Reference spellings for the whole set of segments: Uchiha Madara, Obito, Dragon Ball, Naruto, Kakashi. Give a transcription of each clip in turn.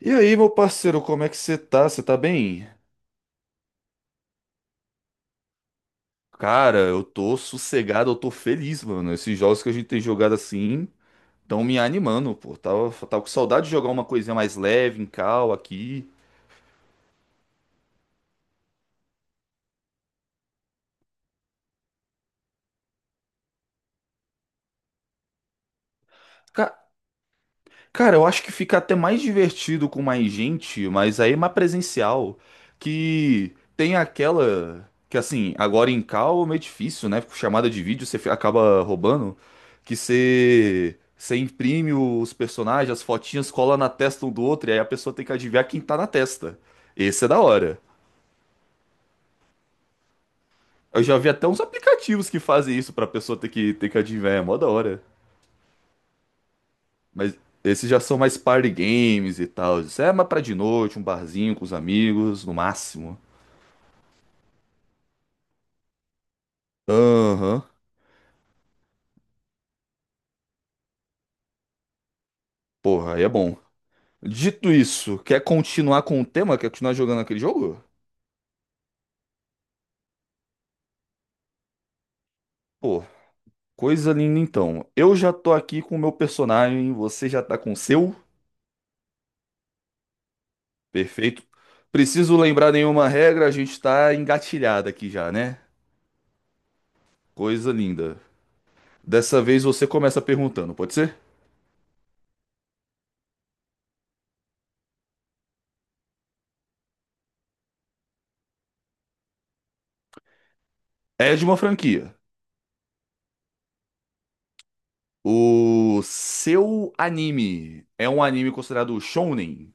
E aí, meu parceiro, como é que você tá? Você tá bem? Cara, eu tô sossegado, eu tô feliz, mano. Esses jogos que a gente tem jogado assim estão me animando, pô. Tava com saudade de jogar uma coisinha mais leve, em cal aqui. Ca- Cara, eu acho que fica até mais divertido com mais gente, mas aí é mais presencial. Que tem aquela. Que assim, agora em call é meio difícil, né? Com chamada de vídeo você acaba roubando. Que você. Você imprime os personagens, as fotinhas, cola na testa um do outro, e aí a pessoa tem que adivinhar quem tá na testa. Esse é da hora. Eu já vi até uns aplicativos que fazem isso pra pessoa ter que adivinhar, é mó da hora. Mas esses já são mais party games e tal. Isso é mais pra de noite, um barzinho com os amigos, no máximo. Aham. Porra, aí é bom. Dito isso, quer continuar com o tema? Quer continuar jogando aquele jogo? Pô, coisa linda então. Eu já tô aqui com o meu personagem, você já tá com o seu? Perfeito. Preciso lembrar nenhuma regra, a gente tá engatilhado aqui já, né? Coisa linda. Dessa vez você começa perguntando, pode ser? É de uma franquia. O seu anime é um anime considerado shounen?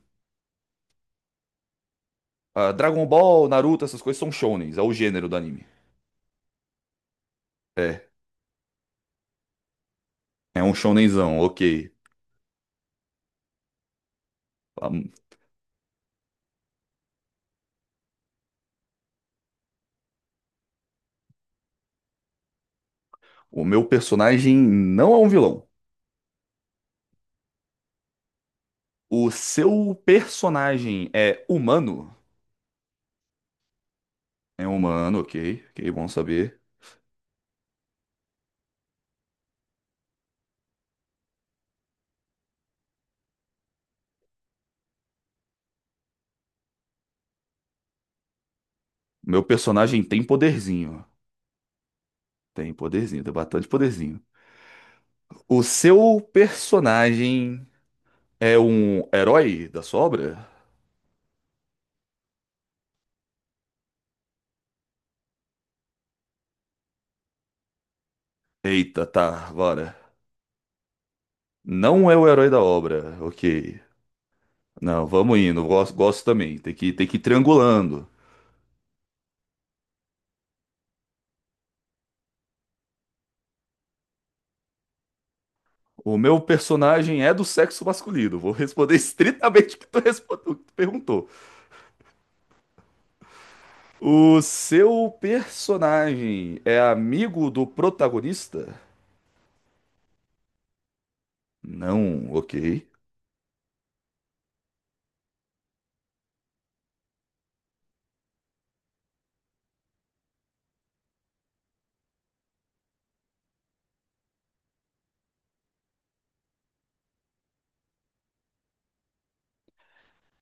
Ah, Dragon Ball, Naruto, essas coisas são shounens, é o gênero do anime. É, é um shounenzão, ok. Ah, o meu personagem não é um vilão. O seu personagem é humano? É humano, ok, ok, bom saber. Meu personagem tem poderzinho. Tem poderzinho, tem bastante poderzinho. O seu personagem é um herói da sua obra? Eita, tá, bora. Não é o herói da obra, ok. Não, vamos indo, gosto, gosto também. Tem que ir triangulando. O meu personagem é do sexo masculino. Vou responder estritamente o que tu, o que tu perguntou. O seu personagem é amigo do protagonista? Não, ok.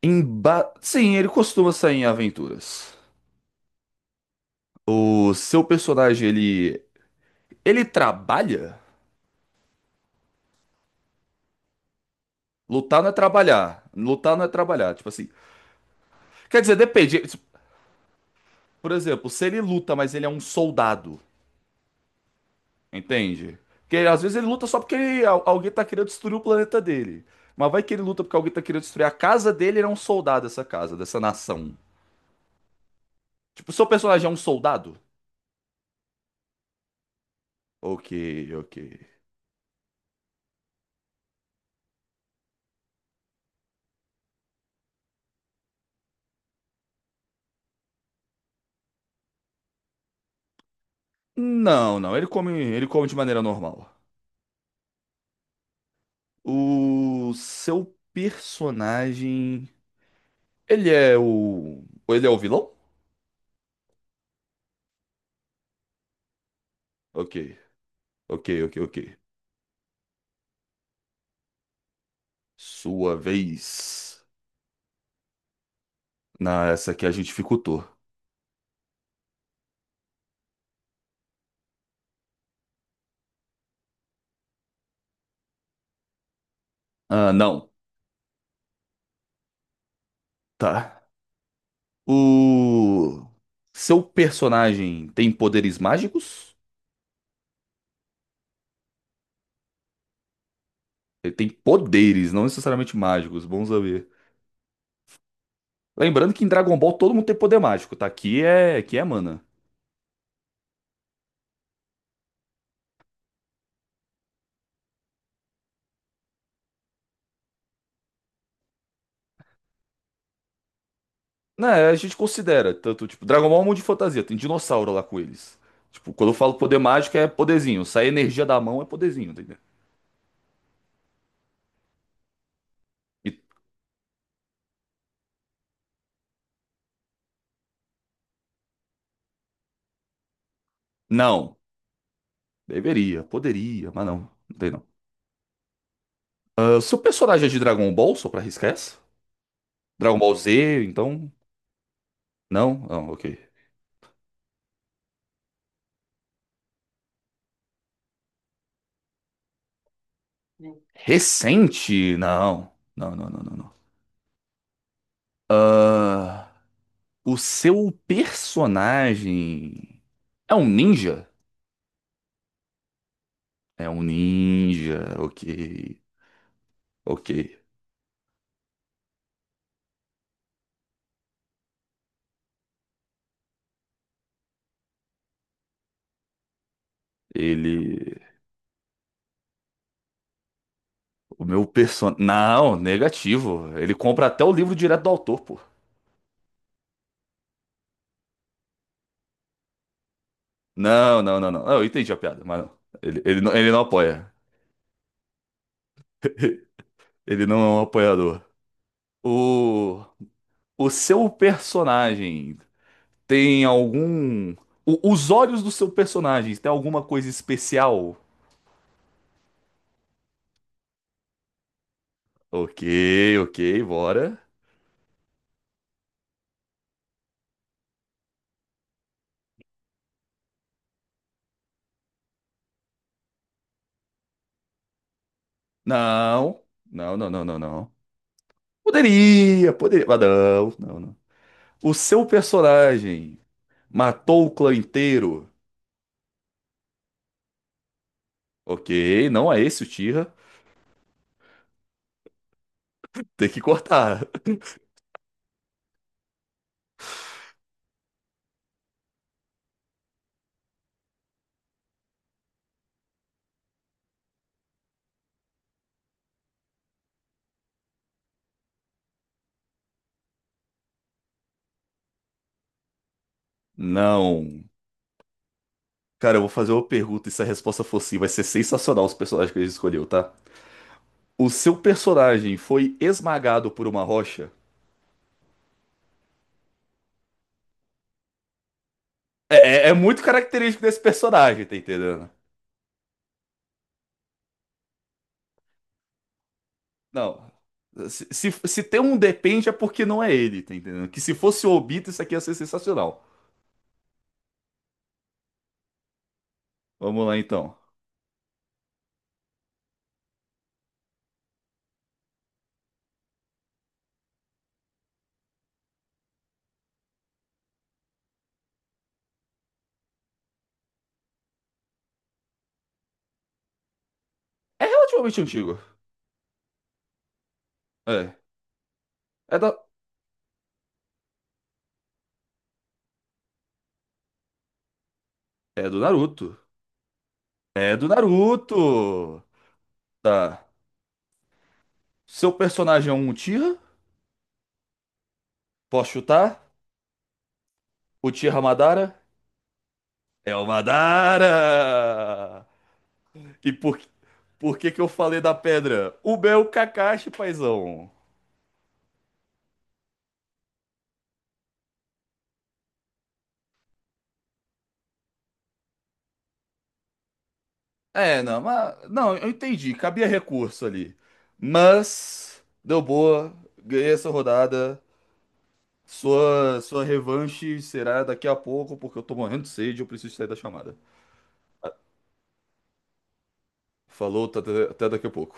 Emba... Sim, ele costuma sair em aventuras. O seu personagem, ele. Ele trabalha? Lutar não é trabalhar. Lutar não é trabalhar. Tipo assim. Quer dizer, depende. Por exemplo, se ele luta, mas ele é um soldado, entende? Porque às vezes ele luta só porque alguém tá querendo destruir o planeta dele. Mas vai que ele luta porque alguém tá querendo destruir a casa dele, ele é um soldado dessa casa, dessa nação. Tipo, seu personagem é um soldado? Ok, ok. Não, não, ele come de maneira normal. O seu personagem, ele é o vilão? Ok, ok, ok, ok. Sua vez. Na essa aqui a gente dificultou. Ah, não. Tá. O seu personagem tem poderes mágicos? Ele tem poderes, não necessariamente mágicos, bom saber. Lembrando que em Dragon Ball todo mundo tem poder mágico, tá? Aqui é mana. Né, a gente considera, tanto, tipo, Dragon Ball é um mundo de fantasia, tem dinossauro lá com eles. Tipo, quando eu falo poder mágico é poderzinho, sai energia da mão é poderzinho, entendeu? E- não, deveria, poderia, mas não, não tem não. Ah, seu personagem é de Dragon Ball, só pra arriscar essa? Dragon Ball Z, então? Não? Não, ok. Recente? Não. Não, não, não, não, não. O seu personagem é um ninja? É um ninja, ok. Ok. Ele. O meu personagem. Não, negativo. Ele compra até o livro direto do autor, pô. Não, não, não, não. Eu entendi a piada, mas não. Ele, ele não apoia. Ele não é um apoiador. O, o seu personagem tem algum. Os olhos do seu personagem tem alguma coisa especial? Ok, ok, bora. Não, não, não, não, não, não. Poderia, poderia, mas não, não, não. O seu personagem matou o clã inteiro? Ok, não é esse o Tira. Tem que cortar. Não. Cara, eu vou fazer uma pergunta e se a resposta for sim, vai ser sensacional os personagens que ele escolheu, tá? O seu personagem foi esmagado por uma rocha? É, é muito característico desse personagem, tá entendendo? Não. Se tem um depende é porque não é ele, tá entendendo? Que se fosse o Obito, isso aqui ia ser sensacional. Vamos lá então. É relativamente antigo. É. É, da, é do Naruto. É do Naruto! Tá. Seu personagem é um Uchiha? Posso chutar? Uchiha Madara? É o Madara! E por que que eu falei da pedra? O meu Kakashi, paizão. É, não, mas. Não, eu entendi, cabia recurso ali. Mas. Deu boa, ganhei essa rodada. Sua, sua revanche será daqui a pouco, porque eu tô morrendo de sede e eu preciso sair da chamada. Falou, até daqui a pouco.